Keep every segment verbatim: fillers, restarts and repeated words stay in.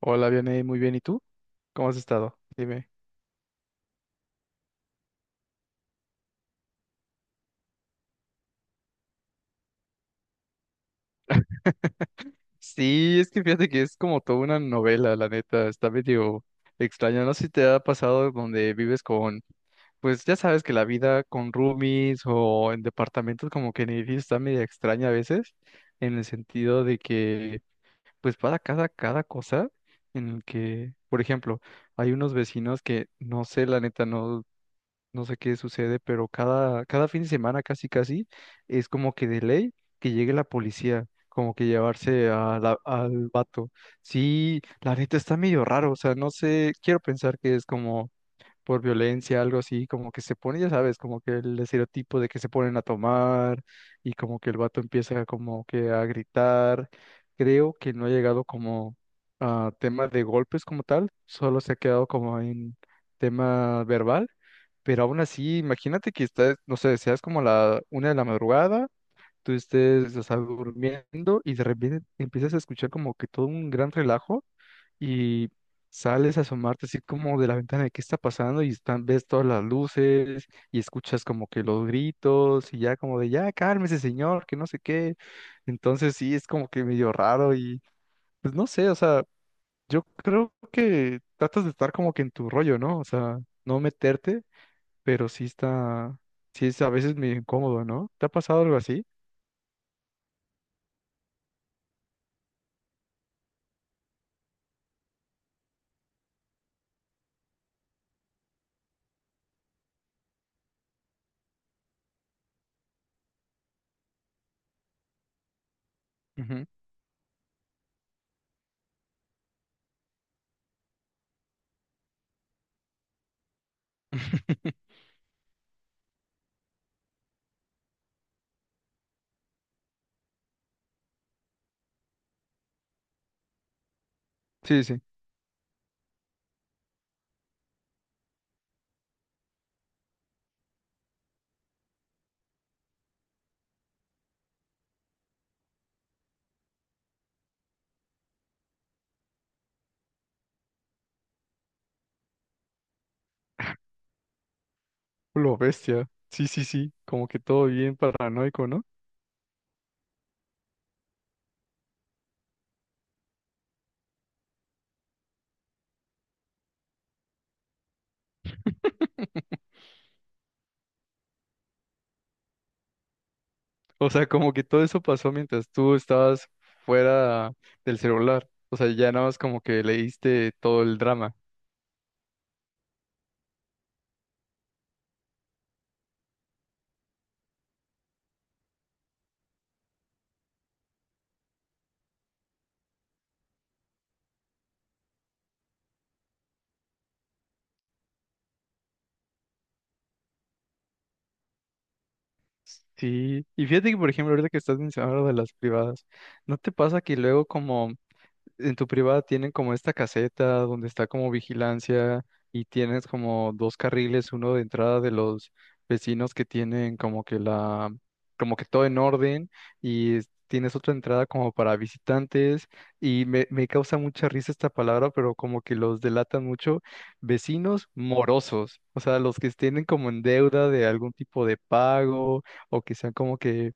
Hola, Vianey, muy bien. ¿Y tú? ¿Cómo has estado? Dime. Sí, es que fíjate que es como toda una novela, la neta, está medio extraño. No sé si te ha pasado donde vives con, pues ya sabes que la vida con roomies o en departamentos como que en edificios está medio extraña a veces, en el sentido de que pues para cada, cada cosa en el que, por ejemplo, hay unos vecinos que no sé, la neta, no. No sé qué sucede, pero cada, cada fin de semana casi casi es como que de ley que llegue la policía, como que llevarse a la- al vato. Sí, la neta está medio raro, o sea, no sé, quiero pensar que es como por violencia, algo así, como que se pone, ya sabes, como que el estereotipo de que se ponen a tomar y como que el vato empieza como que a gritar. Creo que no ha llegado como a tema de golpes como tal, solo se ha quedado como en tema verbal, pero aún así, imagínate que estás, no sé, seas como la una de la madrugada. Tú estés, o sea, durmiendo y de repente empiezas a escuchar como que todo un gran relajo y sales a asomarte así como de la ventana de qué está pasando y están, ves todas las luces y escuchas como que los gritos y ya como de ya cálmese señor, que no sé qué. Entonces sí, es como que medio raro y pues no sé, o sea, yo creo que tratas de estar como que en tu rollo, ¿no? O sea, no meterte, pero sí está, sí es a veces medio incómodo, ¿no? ¿Te ha pasado algo así? Ujú. Sí, sí. Lo bestia. Sí, sí, sí. Como que todo bien paranoico, ¿no? O sea, como que todo eso pasó mientras tú estabas fuera del celular. O sea, ya nada más como que leíste todo el drama. Sí. Y fíjate que, por ejemplo, ahorita que estás mencionando lo de las privadas, ¿no te pasa que luego como en tu privada tienen como esta caseta donde está como vigilancia y tienes como dos carriles, uno de entrada de los vecinos que tienen como que la, como que todo en orden y es- tienes otra entrada como para visitantes y me, me causa mucha risa esta palabra, pero como que los delatan mucho, vecinos morosos, o sea, los que estén como en deuda de algún tipo de pago o que sean como que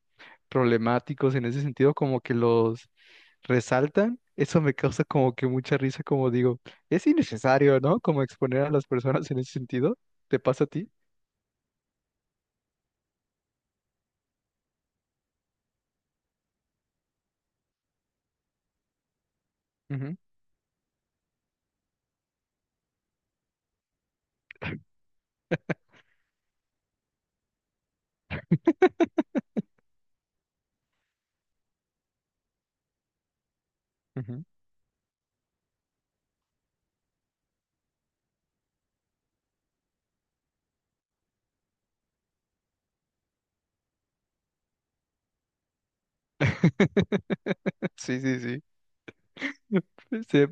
problemáticos en ese sentido, como que los resaltan, eso me causa como que mucha risa, como digo, es innecesario, ¿no? Como exponer a las personas en ese sentido. ¿Te pasa a ti? Ujú, ujú. Sí, sí, sí. Sí.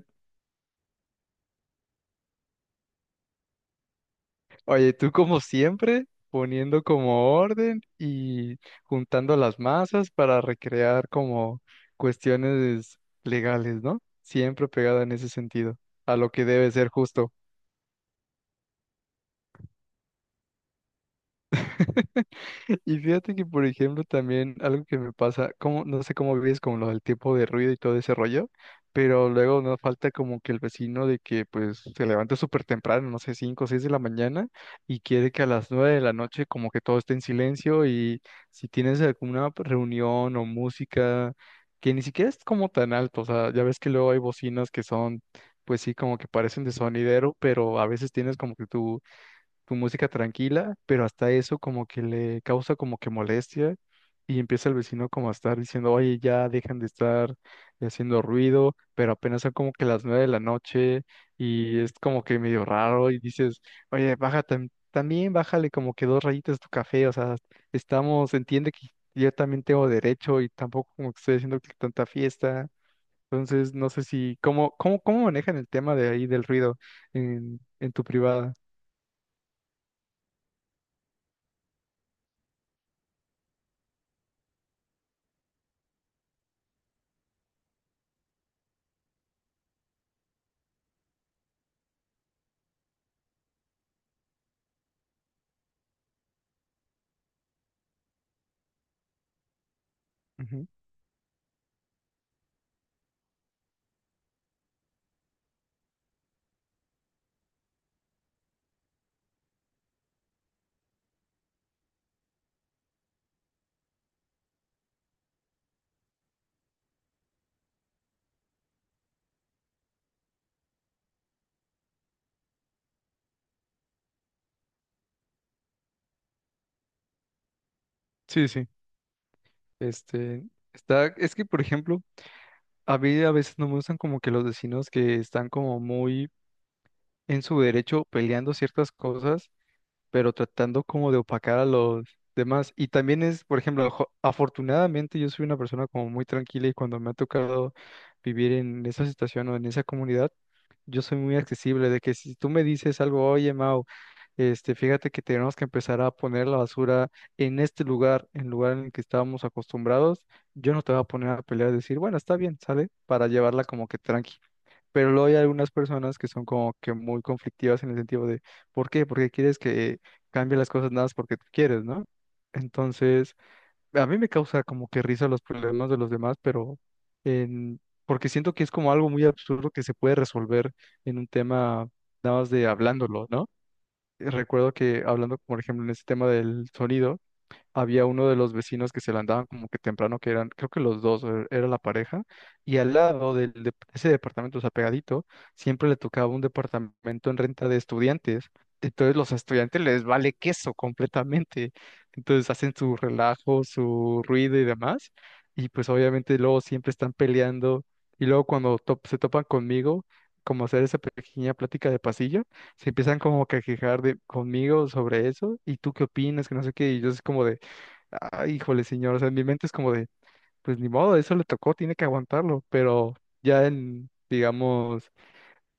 Oye, tú como siempre, poniendo como orden y juntando las masas para recrear como cuestiones legales, ¿no? Siempre pegada en ese sentido, a lo que debe ser justo. Y fíjate que, por ejemplo, también algo que me pasa, como, no sé cómo vives con lo del tiempo de ruido y todo ese rollo, pero luego nos falta como que el vecino de que pues se levanta súper temprano, no sé, cinco o seis de la mañana, y quiere que a las nueve de la noche como que todo esté en silencio y si tienes alguna reunión o música, que ni siquiera es como tan alto, o sea, ya ves que luego hay bocinas que son, pues sí, como que parecen de sonidero, pero a veces tienes como que tu tu música tranquila, pero hasta eso como que le causa como que molestia y empieza el vecino como a estar diciendo, oye, ya dejan de estar haciendo ruido, pero apenas son como que las nueve de la noche y es como que medio raro y dices, oye, baja tam- también, bájale como que dos rayitas tu café, o sea, estamos, entiende que yo también tengo derecho y tampoco como que estoy haciendo que tanta fiesta. Entonces, no sé si, ¿cómo, cómo, cómo manejan el tema de ahí del ruido en, en tu privada? Ujú. Sí, sí. Este, está, es que, por ejemplo, a mí a veces no me gustan como que los vecinos que están como muy en su derecho peleando ciertas cosas pero tratando como de opacar a los demás. Y también es, por ejemplo, jo- afortunadamente yo soy una persona como muy tranquila y cuando me ha tocado vivir en esa situación o en esa comunidad, yo soy muy accesible, de que si tú me dices algo, oye, Mau, este, fíjate que tenemos que empezar a poner la basura en este lugar, en el lugar en el que estábamos acostumbrados, yo no te voy a poner a pelear y decir, bueno, está bien, ¿sale? Para llevarla como que tranqui. Pero luego hay algunas personas que son como que muy conflictivas en el sentido de, ¿por qué? Porque quieres que cambie las cosas nada más porque tú quieres, ¿no? Entonces, a mí me causa como que risa los problemas de los demás, pero en, porque siento que es como algo muy absurdo que se puede resolver en un tema nada más de hablándolo, ¿no? Recuerdo que hablando, por ejemplo, en este tema del sonido, había uno de los vecinos que se la andaban como que temprano, que eran, creo que los dos, er- era la pareja, y al lado del de ese departamento, o sea, pegadito, siempre le tocaba un departamento en renta de estudiantes. Entonces los estudiantes les vale queso completamente. Entonces hacen su relajo, su ruido y demás. Y pues obviamente luego siempre están peleando. Y luego cuando top- se topan conmigo, como hacer esa pequeña plática de pasillo, se empiezan como que a quejar de, conmigo sobre eso, y tú qué opinas, que no sé qué, y yo es como de, ay, híjole, señor, o sea, en mi mente es como de, pues ni modo, eso le tocó, tiene que aguantarlo, pero ya en, digamos,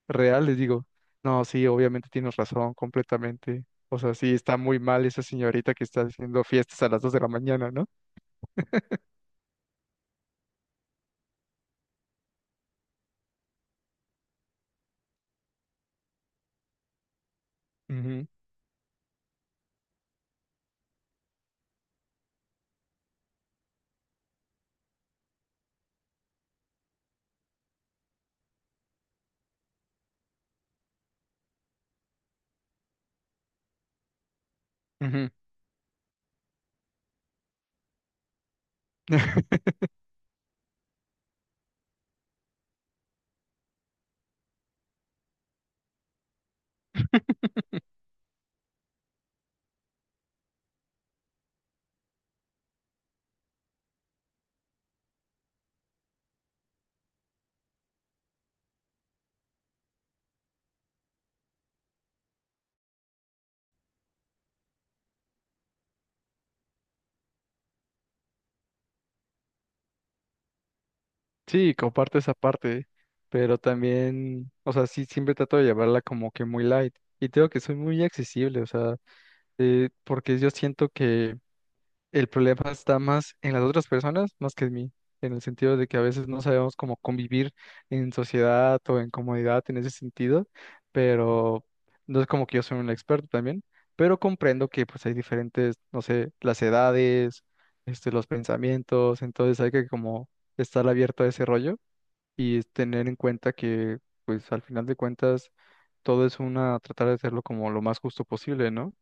real les digo, no, sí, obviamente tienes razón, completamente. O sea, sí, está muy mal esa señorita que está haciendo fiestas a las dos de la mañana, ¿no? Ujú, ujú. Sí, comparto esa parte, ¿eh? Pero también, o sea, sí, siempre trato de llevarla como que muy light. Y tengo que soy muy accesible, o sea, eh, porque yo siento que el problema está más en las otras personas, más que en mí, en el sentido de que a veces no sabemos cómo convivir en sociedad o en comodidad en ese sentido, pero no es como que yo soy un experto también, pero comprendo que pues hay diferentes, no sé, las edades, este, los pensamientos, entonces hay que como estar abierto a ese rollo y tener en cuenta que pues al final de cuentas todo es una, tratar de hacerlo como lo más justo posible, ¿no?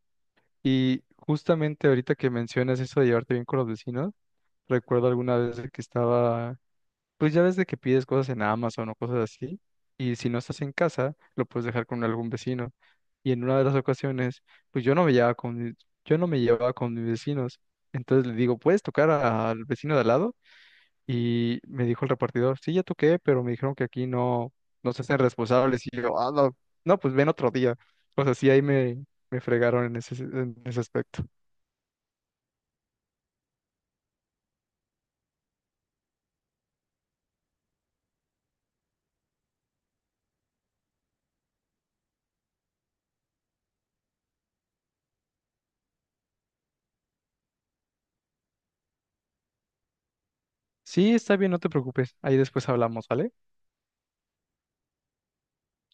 Y justamente ahorita que mencionas eso de llevarte bien con los vecinos, recuerdo alguna vez de que estaba, pues ya ves de que pides cosas en Amazon o cosas así, y si no estás en casa, lo puedes dejar con algún vecino. Y en una de las ocasiones, pues yo no me llevaba con, mi- yo no me llevaba con mis vecinos. Entonces le digo, ¿puedes tocar al vecino de al lado? Y me dijo el repartidor, sí, ya toqué, pero me dijeron que aquí no, no se hacen responsables. Y yo, ah, no, no, pues ven otro día. O sea, sí, ahí me, me fregaron en ese, en ese aspecto. Sí, está bien, no te preocupes. Ahí después hablamos, ¿vale?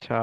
Chao.